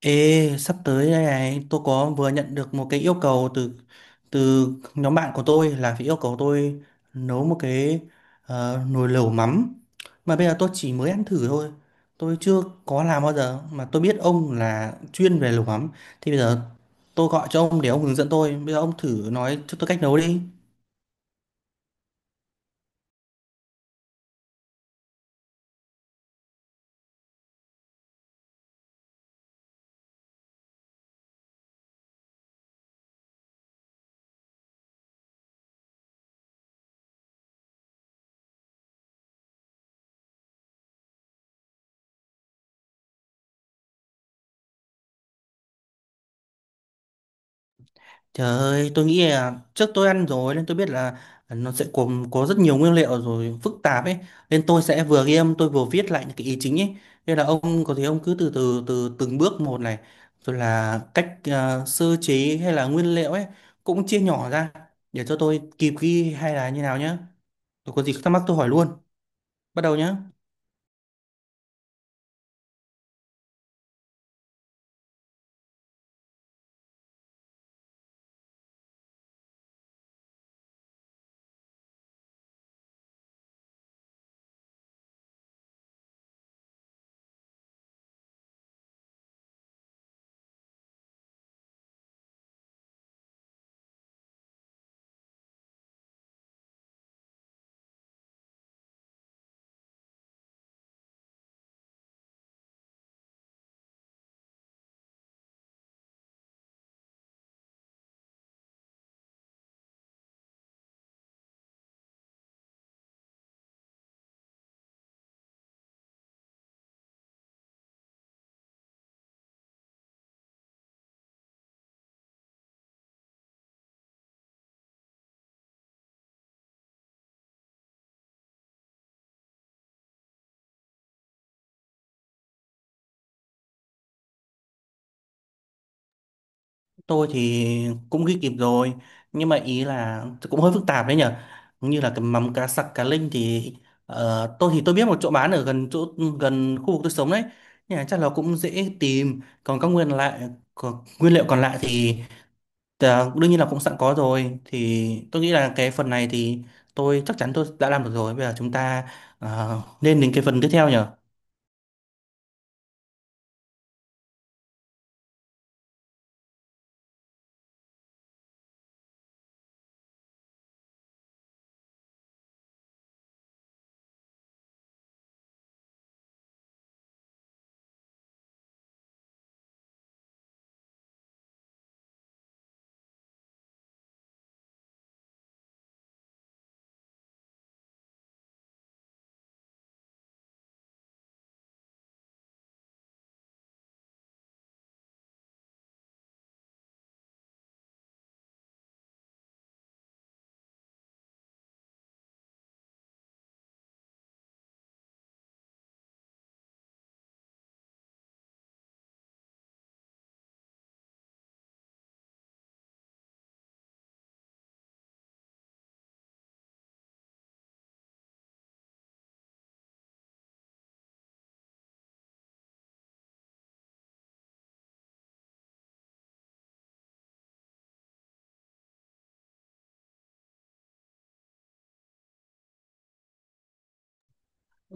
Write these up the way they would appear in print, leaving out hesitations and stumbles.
Ê, sắp tới đây này, tôi có vừa nhận được một cái yêu cầu từ từ nhóm bạn của tôi là phải yêu cầu tôi nấu một cái nồi lẩu mắm. Mà bây giờ tôi chỉ mới ăn thử thôi. Tôi chưa có làm bao giờ mà tôi biết ông là chuyên về lẩu mắm. Thì bây giờ tôi gọi cho ông để ông hướng dẫn tôi. Bây giờ ông thử nói cho tôi cách nấu đi. Trời ơi, tôi nghĩ là trước tôi ăn rồi nên tôi biết là nó sẽ gồm có rất nhiều nguyên liệu rồi phức tạp ấy, nên tôi sẽ vừa ghi âm tôi vừa viết lại những cái ý chính ấy, nên là ông có thể ông cứ từ từ từ từng bước một này, rồi là cách sơ chế hay là nguyên liệu ấy cũng chia nhỏ ra để cho tôi kịp ghi hay là như nào nhá. Tôi có gì thắc mắc tôi hỏi luôn. Bắt đầu nhá. Tôi thì cũng ghi kịp rồi, nhưng mà ý là cũng hơi phức tạp đấy nhở, như là cái mắm cá sặc cá linh thì tôi thì tôi biết một chỗ bán ở gần chỗ gần khu vực tôi sống đấy, nhưng mà chắc là cũng dễ tìm. Còn các nguyên lại, nguyên liệu còn lại thì đương nhiên là cũng sẵn có rồi, thì tôi nghĩ là cái phần này thì tôi chắc chắn tôi đã làm được rồi. Bây giờ chúng ta nên đến cái phần tiếp theo nhở.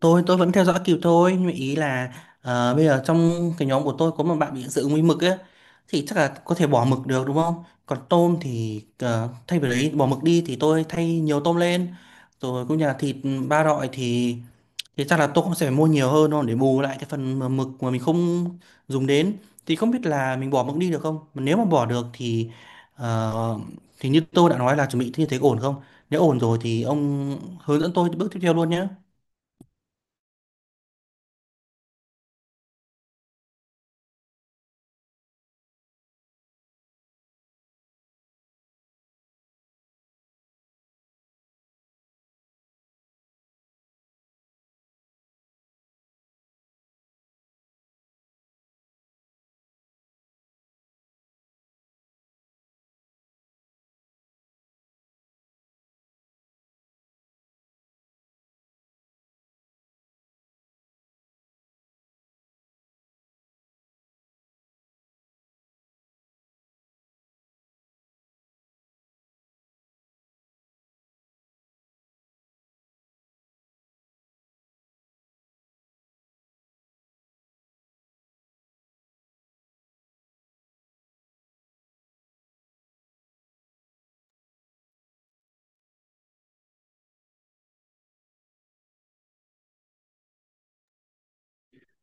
Tôi vẫn theo dõi kịp thôi, nhưng mà ý là bây giờ trong cái nhóm của tôi có một bạn bị dị ứng với mực ấy, thì chắc là có thể bỏ mực được đúng không, còn tôm thì thay vì đấy bỏ mực đi thì tôi thay nhiều tôm lên. Rồi cũng như là thịt ba loại thì chắc là tôi cũng sẽ phải mua nhiều hơn thôi để bù lại cái phần mà mực mà mình không dùng đến. Thì không biết là mình bỏ mực đi được không, mà nếu mà bỏ được thì ờ, thì như tôi đã nói là chuẩn bị như thế ổn không. Nếu ổn rồi thì ông hướng dẫn tôi bước tiếp theo luôn nhé.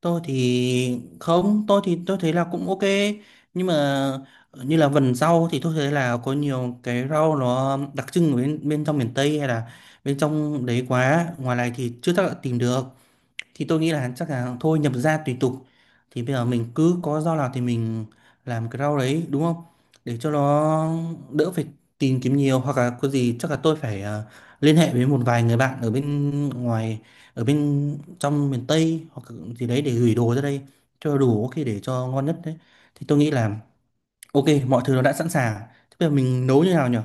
Tôi thì không, tôi thì tôi thấy là cũng ok, nhưng mà như là vần rau thì tôi thấy là có nhiều cái rau nó đặc trưng ở bên bên trong miền Tây hay là bên trong đấy quá, ngoài này thì chưa chắc đã tìm được. Thì tôi nghĩ là chắc là thôi, nhập gia tùy tục. Thì bây giờ mình cứ có rau nào thì mình làm cái rau đấy đúng không, để cho nó đỡ phải tìm kiếm nhiều, hoặc là có gì chắc là tôi phải liên hệ với một vài người bạn ở bên ngoài, ở bên trong miền Tây hoặc gì đấy để gửi đồ ra đây cho đủ, có khi để cho ngon nhất đấy. Thì tôi nghĩ là ok, mọi thứ nó đã sẵn sàng. Thế bây giờ mình nấu như nào nhỉ?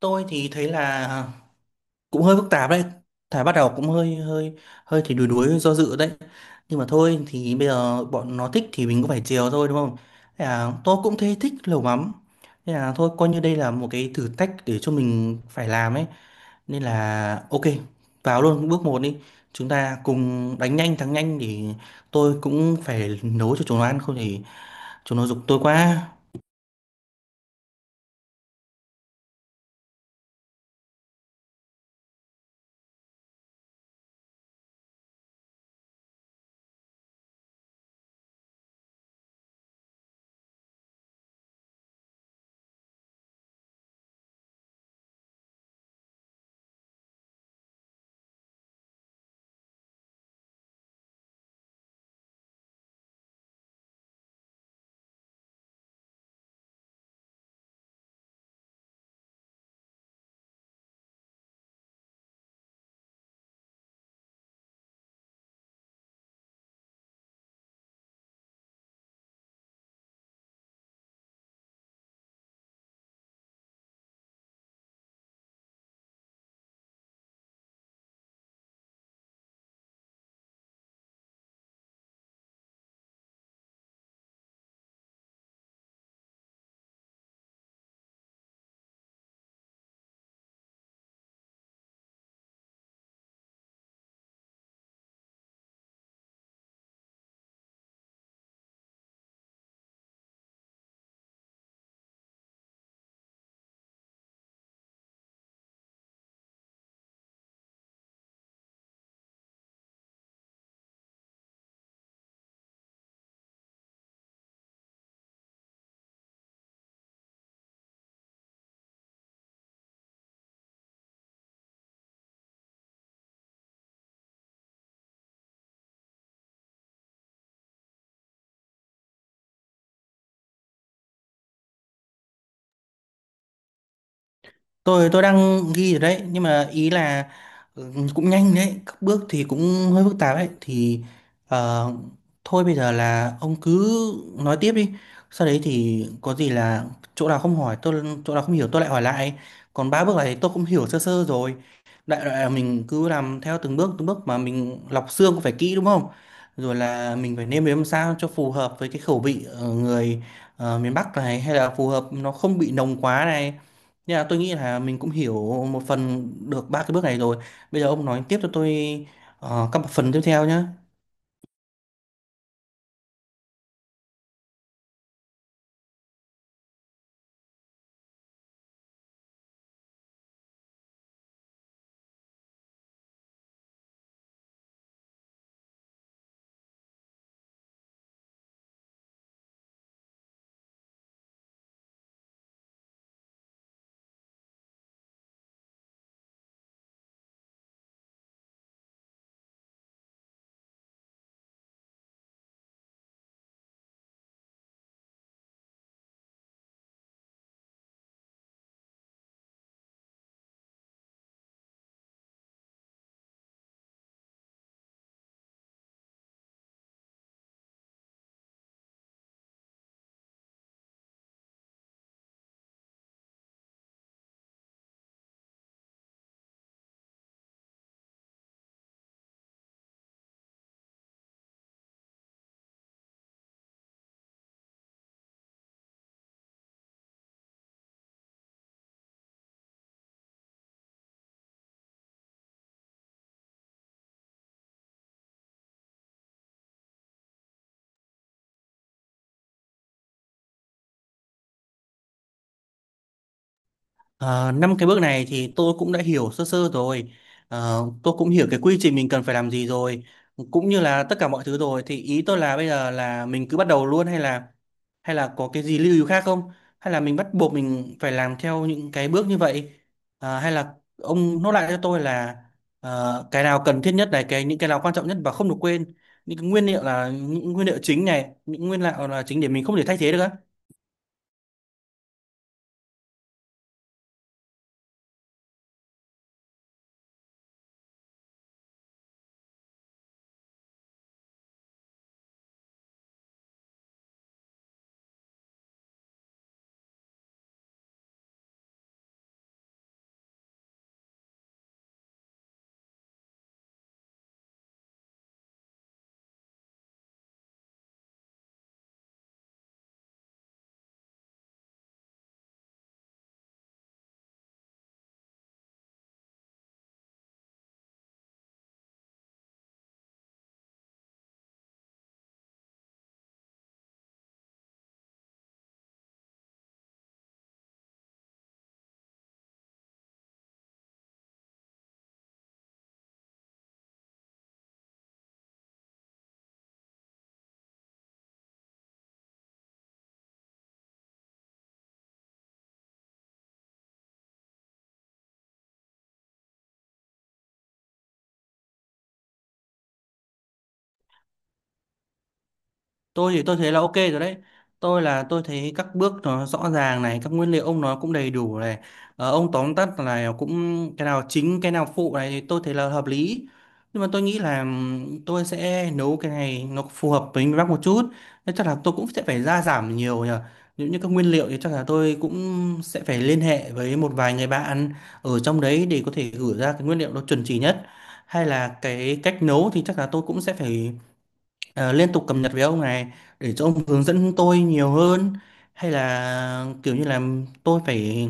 Tôi thì thấy là cũng hơi phức tạp đấy, thả bắt đầu cũng hơi hơi hơi thì đuối, đuối do dự đấy. Nhưng mà thôi, thì bây giờ bọn nó thích thì mình cũng phải chiều thôi đúng không? Thế là tôi cũng thấy thích lẩu mắm. Thế là thôi coi như đây là một cái thử thách để cho mình phải làm ấy. Nên là ok, vào luôn bước một đi. Chúng ta cùng đánh nhanh thắng nhanh để tôi cũng phải nấu cho chúng nó ăn, không thì chúng nó giục tôi quá. Tôi đang ghi rồi đấy, nhưng mà ý là ừ, cũng nhanh đấy, các bước thì cũng hơi phức tạp đấy thì ờ, thôi bây giờ là ông cứ nói tiếp đi, sau đấy thì có gì là chỗ nào không hỏi tôi, chỗ nào không hiểu tôi lại hỏi lại. Còn ba bước này tôi cũng hiểu sơ sơ rồi, đại loại là mình cứ làm theo từng bước từng bước, mà mình lọc xương cũng phải kỹ đúng không, rồi là mình phải nêm nếm sao cho phù hợp với cái khẩu vị người miền Bắc này, hay là phù hợp nó không bị nồng quá này. Dạ, tôi nghĩ là mình cũng hiểu một phần được ba cái bước này rồi. Bây giờ ông nói tiếp cho tôi các phần tiếp theo nhé. Ờ, năm cái bước này thì tôi cũng đã hiểu sơ sơ rồi. Ờ, tôi cũng hiểu cái quy trình mình cần phải làm gì rồi, cũng như là tất cả mọi thứ rồi. Thì ý tôi là bây giờ là mình cứ bắt đầu luôn, hay là có cái gì lưu ý khác không, hay là mình bắt buộc mình phải làm theo những cái bước như vậy. Ờ, hay là ông nốt lại cho tôi là cái nào cần thiết nhất này, cái những cái nào quan trọng nhất và không được quên, những cái nguyên liệu là những nguyên liệu chính này, những nguyên liệu là chính để mình không thể thay thế được á. Tôi thì tôi thấy là ok rồi đấy, tôi là tôi thấy các bước nó rõ ràng này, các nguyên liệu ông nó cũng đầy đủ này. Ờ, ông tóm tắt là cũng cái nào chính cái nào phụ này thì tôi thấy là hợp lý. Nhưng mà tôi nghĩ là tôi sẽ nấu cái này nó phù hợp với miền Bắc một chút, nên chắc là tôi cũng sẽ phải gia giảm nhiều nhờ. Nếu như các nguyên liệu thì chắc là tôi cũng sẽ phải liên hệ với một vài người bạn ở trong đấy để có thể gửi ra cái nguyên liệu nó chuẩn chỉ nhất. Hay là cái cách nấu thì chắc là tôi cũng sẽ phải liên tục cập nhật với ông này để cho ông hướng dẫn tôi nhiều hơn. Hay là kiểu như là tôi phải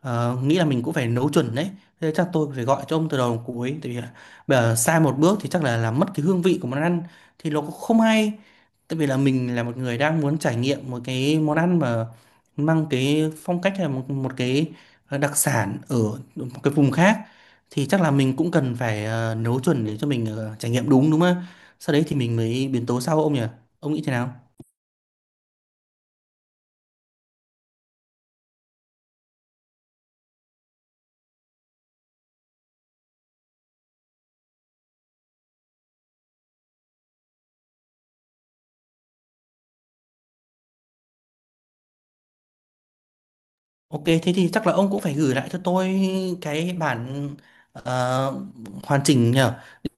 nghĩ là mình cũng phải nấu chuẩn đấy. Thế chắc tôi phải gọi cho ông từ đầu đến cuối, tại vì là bây giờ sai một bước thì chắc là làm mất cái hương vị của món ăn, thì nó cũng không hay. Tại vì là mình là một người đang muốn trải nghiệm một cái món ăn mà mang cái phong cách hay một cái đặc sản ở một cái vùng khác, thì chắc là mình cũng cần phải nấu chuẩn để cho mình trải nghiệm đúng, đúng không ạ? Sau đấy thì mình mới biến tấu sau ông nhỉ? Ông nghĩ thế nào? Ok, thế thì chắc là ông cũng phải gửi lại cho tôi cái bản ờ, hoàn chỉnh nhở,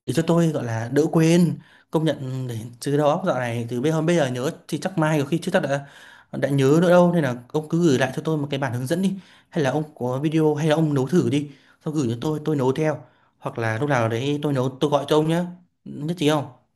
để cho tôi gọi là đỡ quên. Công nhận để chứ đầu óc dạo này từ bây hôm bây giờ nhớ thì chắc mai có khi chứ chắc đã nhớ nữa đâu. Nên là ông cứ gửi lại cho tôi một cái bản hướng dẫn đi, hay là ông có video hay là ông nấu thử đi xong gửi cho tôi nấu theo, hoặc là lúc nào đấy tôi nấu tôi gọi cho ông nhé. Nhất trí không?